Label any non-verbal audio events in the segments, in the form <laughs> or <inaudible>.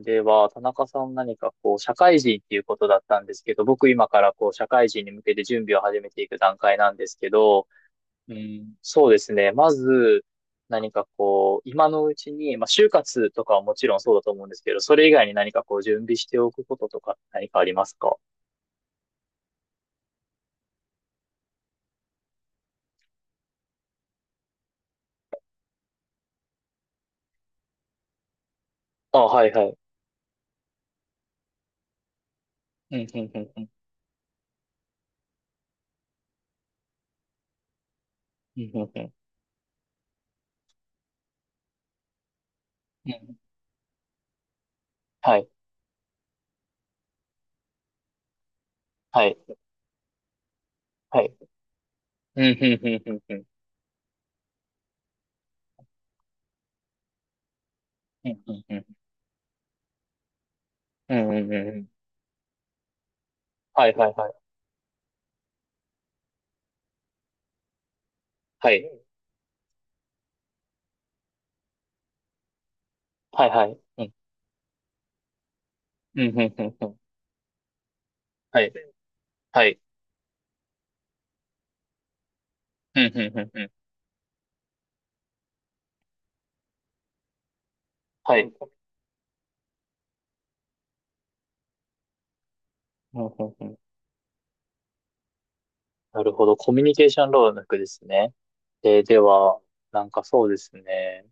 では、田中さん何かこう、社会人っていうことだったんですけど、僕今からこう、社会人に向けて準備を始めていく段階なんですけど、うん、そうですね。まず、何かこう、今のうちに、まあ、就活とかはもちろんそうだと思うんですけど、それ以外に何かこう、準備しておくこととか何かありますか？あ、はいはい。うん、うん、うん、うん、うん、うん、うん。うん。はい、はい、はい。うん、うん、うん、うん、うん、うん、うん、うん、うん、うん、うん。はい、はい、はい。はい、はい、はい。うん、うん、うん、うん、うん。はい。はい。うん、うん、うん、うん。はい。うん、うん、うん。なるほど。コミュニケーション労力ですね。で、では、なんかそうですね。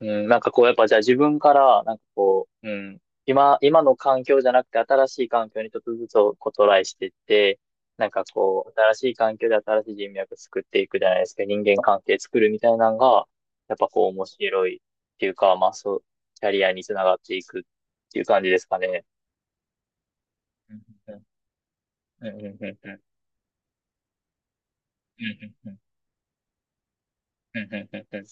うん、なんかこう、やっぱじゃあ自分から、なんかこう、うん、今の環境じゃなくて新しい環境にちょっとずつこうトライしていって、なんかこう、新しい環境で新しい人脈作っていくじゃないですか。人間関係作るみたいなのが、やっぱこう面白いっていうか、まあそう、キャリアにつながっていくっていう感じですかね。うんうんうんうんうんうんうんうんうんうんうんうんうんうん。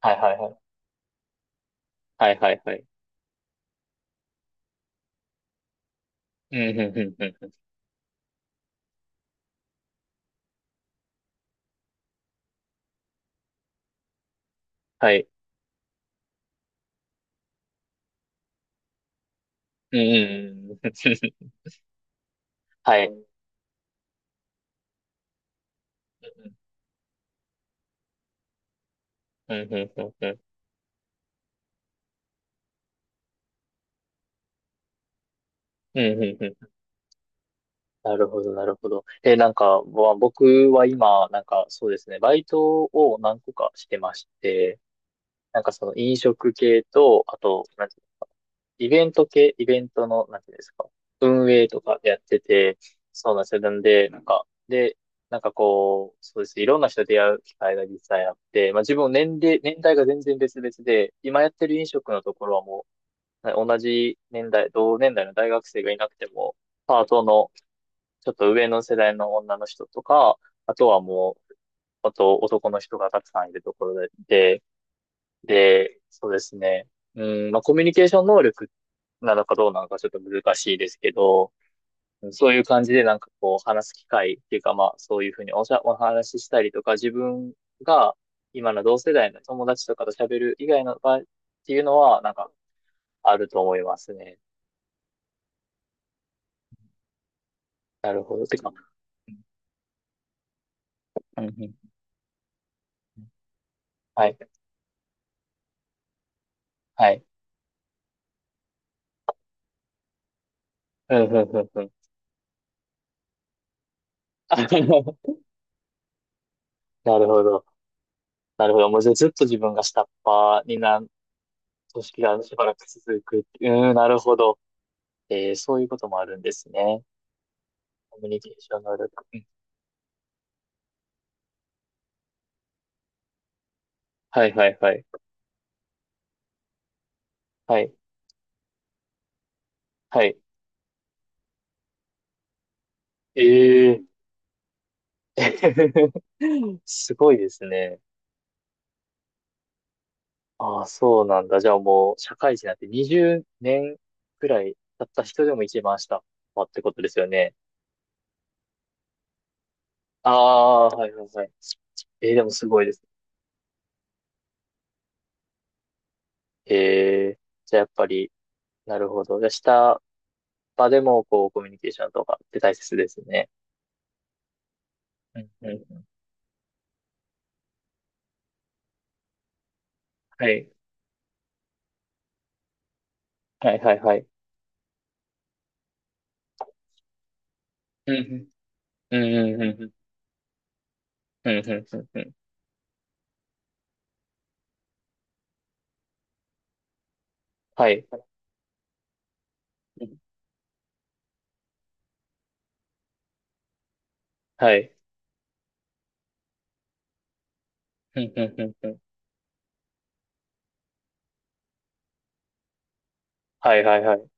はいはいはい。はいはいはい。うんうんうんうんうん。はい。うんうんうんうん。はい。うんうんうんうんうんうんうんうん。なるほど、なるほど。え、なんか、僕は今、なんかそうですね、バイトを何個かしてまして、なんかその飲食系と、あと、なんてイベント系、イベントの、なんていうんですか、運営とかやってて、そうなんですよ。なんで、なんか、で、なんかこう、そうですね。いろんな人と出会う機会が実際あって、まあ自分年齢、年代が全然別々で、今やってる飲食のところはもう、同じ年代、同年代の大学生がいなくても、パートのちょっと上の世代の女の人とか、あとはもう、あと男の人がたくさんいるところで、で、そうですね。うん、まあ、コミュニケーション能力なのかどうなのかちょっと難しいですけど、そういう感じでなんかこう話す機会っていうか、まあそういうふうにお話ししたりとか自分が今の同世代の友達とかと喋る以外の場合っていうのはなんかあると思いますね。なるほど。てか、うんうん。はい、はい。うんうんうんうん。<laughs> あ、なるほど。なるほど。もうじゃあずっと自分が下っ端にな、組織がしばらく続くっていう。うん、なるほど。えー、そういうこともあるんですね。コミュニケーション能力。うん。はいはいはい。はい。はい。えー、<laughs> すごいですね。ああ、そうなんだ。じゃあもう、社会人になって20年くらい経った人でも一番下ってことですよね。ああ、はいはいはい。えー、でもすごいです。えー、じゃあやっぱり、なるほど。じゃあ下場でも、こう、コミュニケーションとかって大切ですね。うんうん。はい。はいはいはい。うんうん。うんうんうんうん。うんうんうんうん。はい。はい。うんうんうんうん。はいはいはい。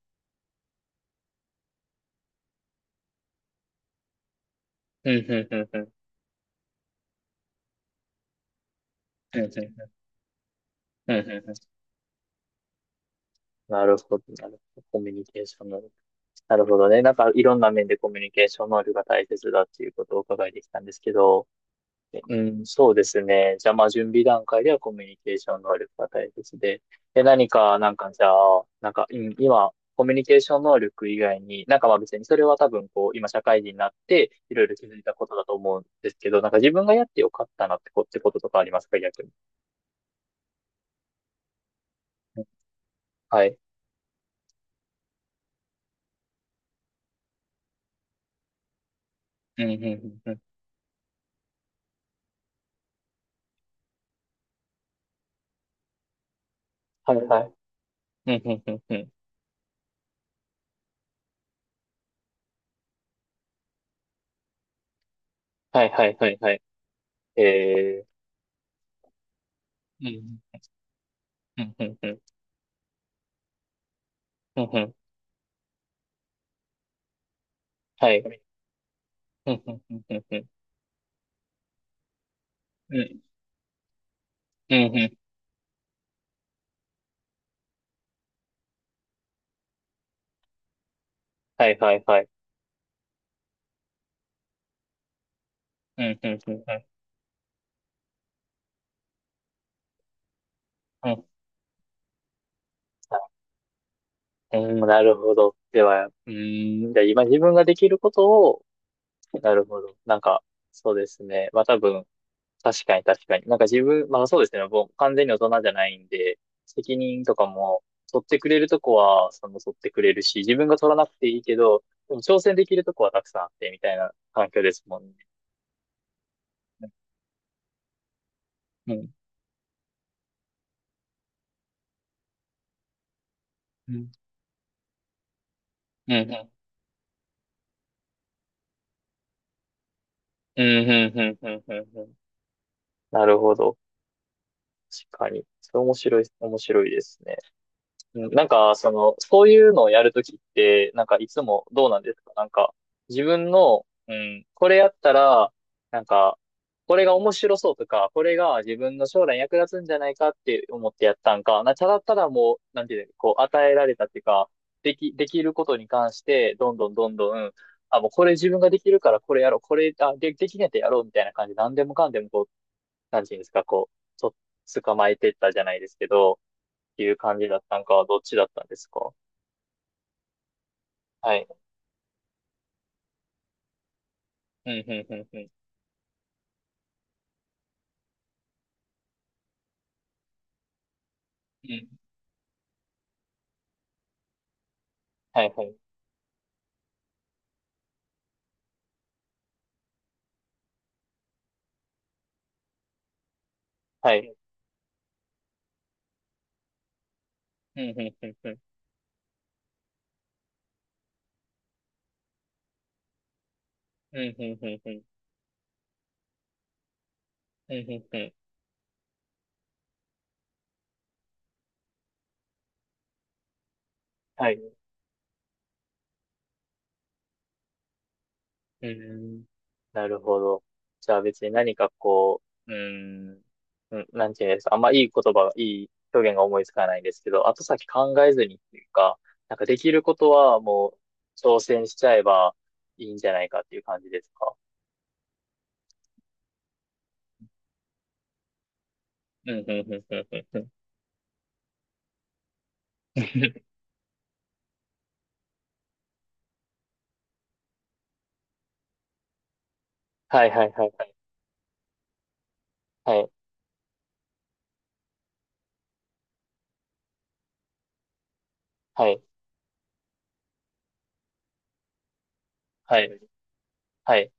うんうんうんうん。うんうんうんうんうん。なるほど、なるほど。コミュニケーション能力。なるほどね。なんかいろんな面でコミュニケーション能力が大切だっていうことをお伺いできたんですけど、うん、そうですね。じゃあ、まあ、準備段階ではコミュニケーション能力が大切で。で、何か、なんか、じゃあ、なんか、うん今、コミュニケーション能力以外に、なんかまあ別にそれは多分こう、今社会人になって、いろいろ気づいたことだと思うんですけど、なんか自分がやってよかったなってってこととかありますか、逆に。うん。はい。うん、うん、うん、うん。はい、はい。うん、うん、うん、うん。はい、はい、はい、はい。えー、うん、うん、うん、うん、うん、うん。はい。うん、うん、うん、うん、うん。うん、うん、うん。はい、はい、はい。うんうんうんうんうん。なるほど。では、うーん、じゃあ今自分ができることを、なるほど。なんか、そうですね。まあ多分、確かに確かに。なんか自分、まあそうですね。もう完全に大人じゃないんで、責任とかも、取ってくれるとこは、その取ってくれるし、自分が取らなくていいけど、でも挑戦できるとこはたくさんあって、みたいな環境ですもんね。うん。うん。うん。うん。うん。うん。うん。うん。うん。なるほど。確かに。それ面白い、面白いですね。うん、なんか、その、そういうのをやるときって、なんかいつもどうなんですか、なんか、自分の、うん、これやったら、なんか、これが面白そうとか、これが自分の将来役立つんじゃないかって思ってやったんか、ただただもう、なんていうの、こう、与えられたっていうか、でき、できることに関して、どんどんどんどん、あ、もうこれ自分ができるからこれやろう、これ、あ、できねえとやろうみたいな感じで、何でもかんでもこう、なんていうんですか、こう、捕まえてったじゃないですけど、っていう感じだったんかはどっちだったんですか？はい。うん、うん、うん、うん。うん。はい、はい。はい。うん、うん、うん、うん。うん、うん、うん、うん。うん、うん、うん。はい。うん。なるほど。じゃあ別に何かこう、うん、うん、なんていうんですか、あんまいい言葉が、いい表現が思いつかないんですけど、後先考えずにっていうか、なんかできることはもう挑戦しちゃえばいいんじゃないかっていう感じですか？うん、うん、うん、うん、うん。うん。 <laughs> はい、はい、はい、はい。はい、はい、はい。はい。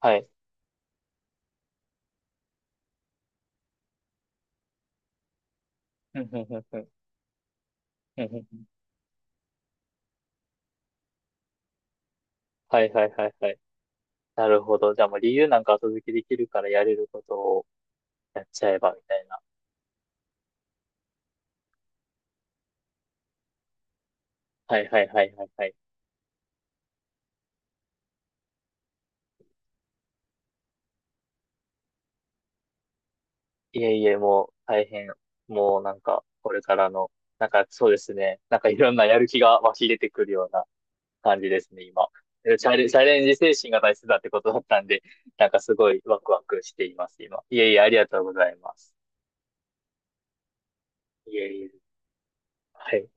はい。うん、うん、ん、ん。ふんふんふん。はい、はい、はい、はい。なるほど。じゃあもう理由なんか後付けできるからやれることをやっちゃえば、みたいな。はい、はい、はい、はい、はい。いえいえ、もう大変。もうなんか、これからの、なんかそうですね。なんかいろんなやる気が湧き出てくるような感じですね、今。でチャレンジ精神が大切だってことだったんで、なんかすごいワクワクしています、今。いえいえ、ありがとうございます。いえいえ。はい。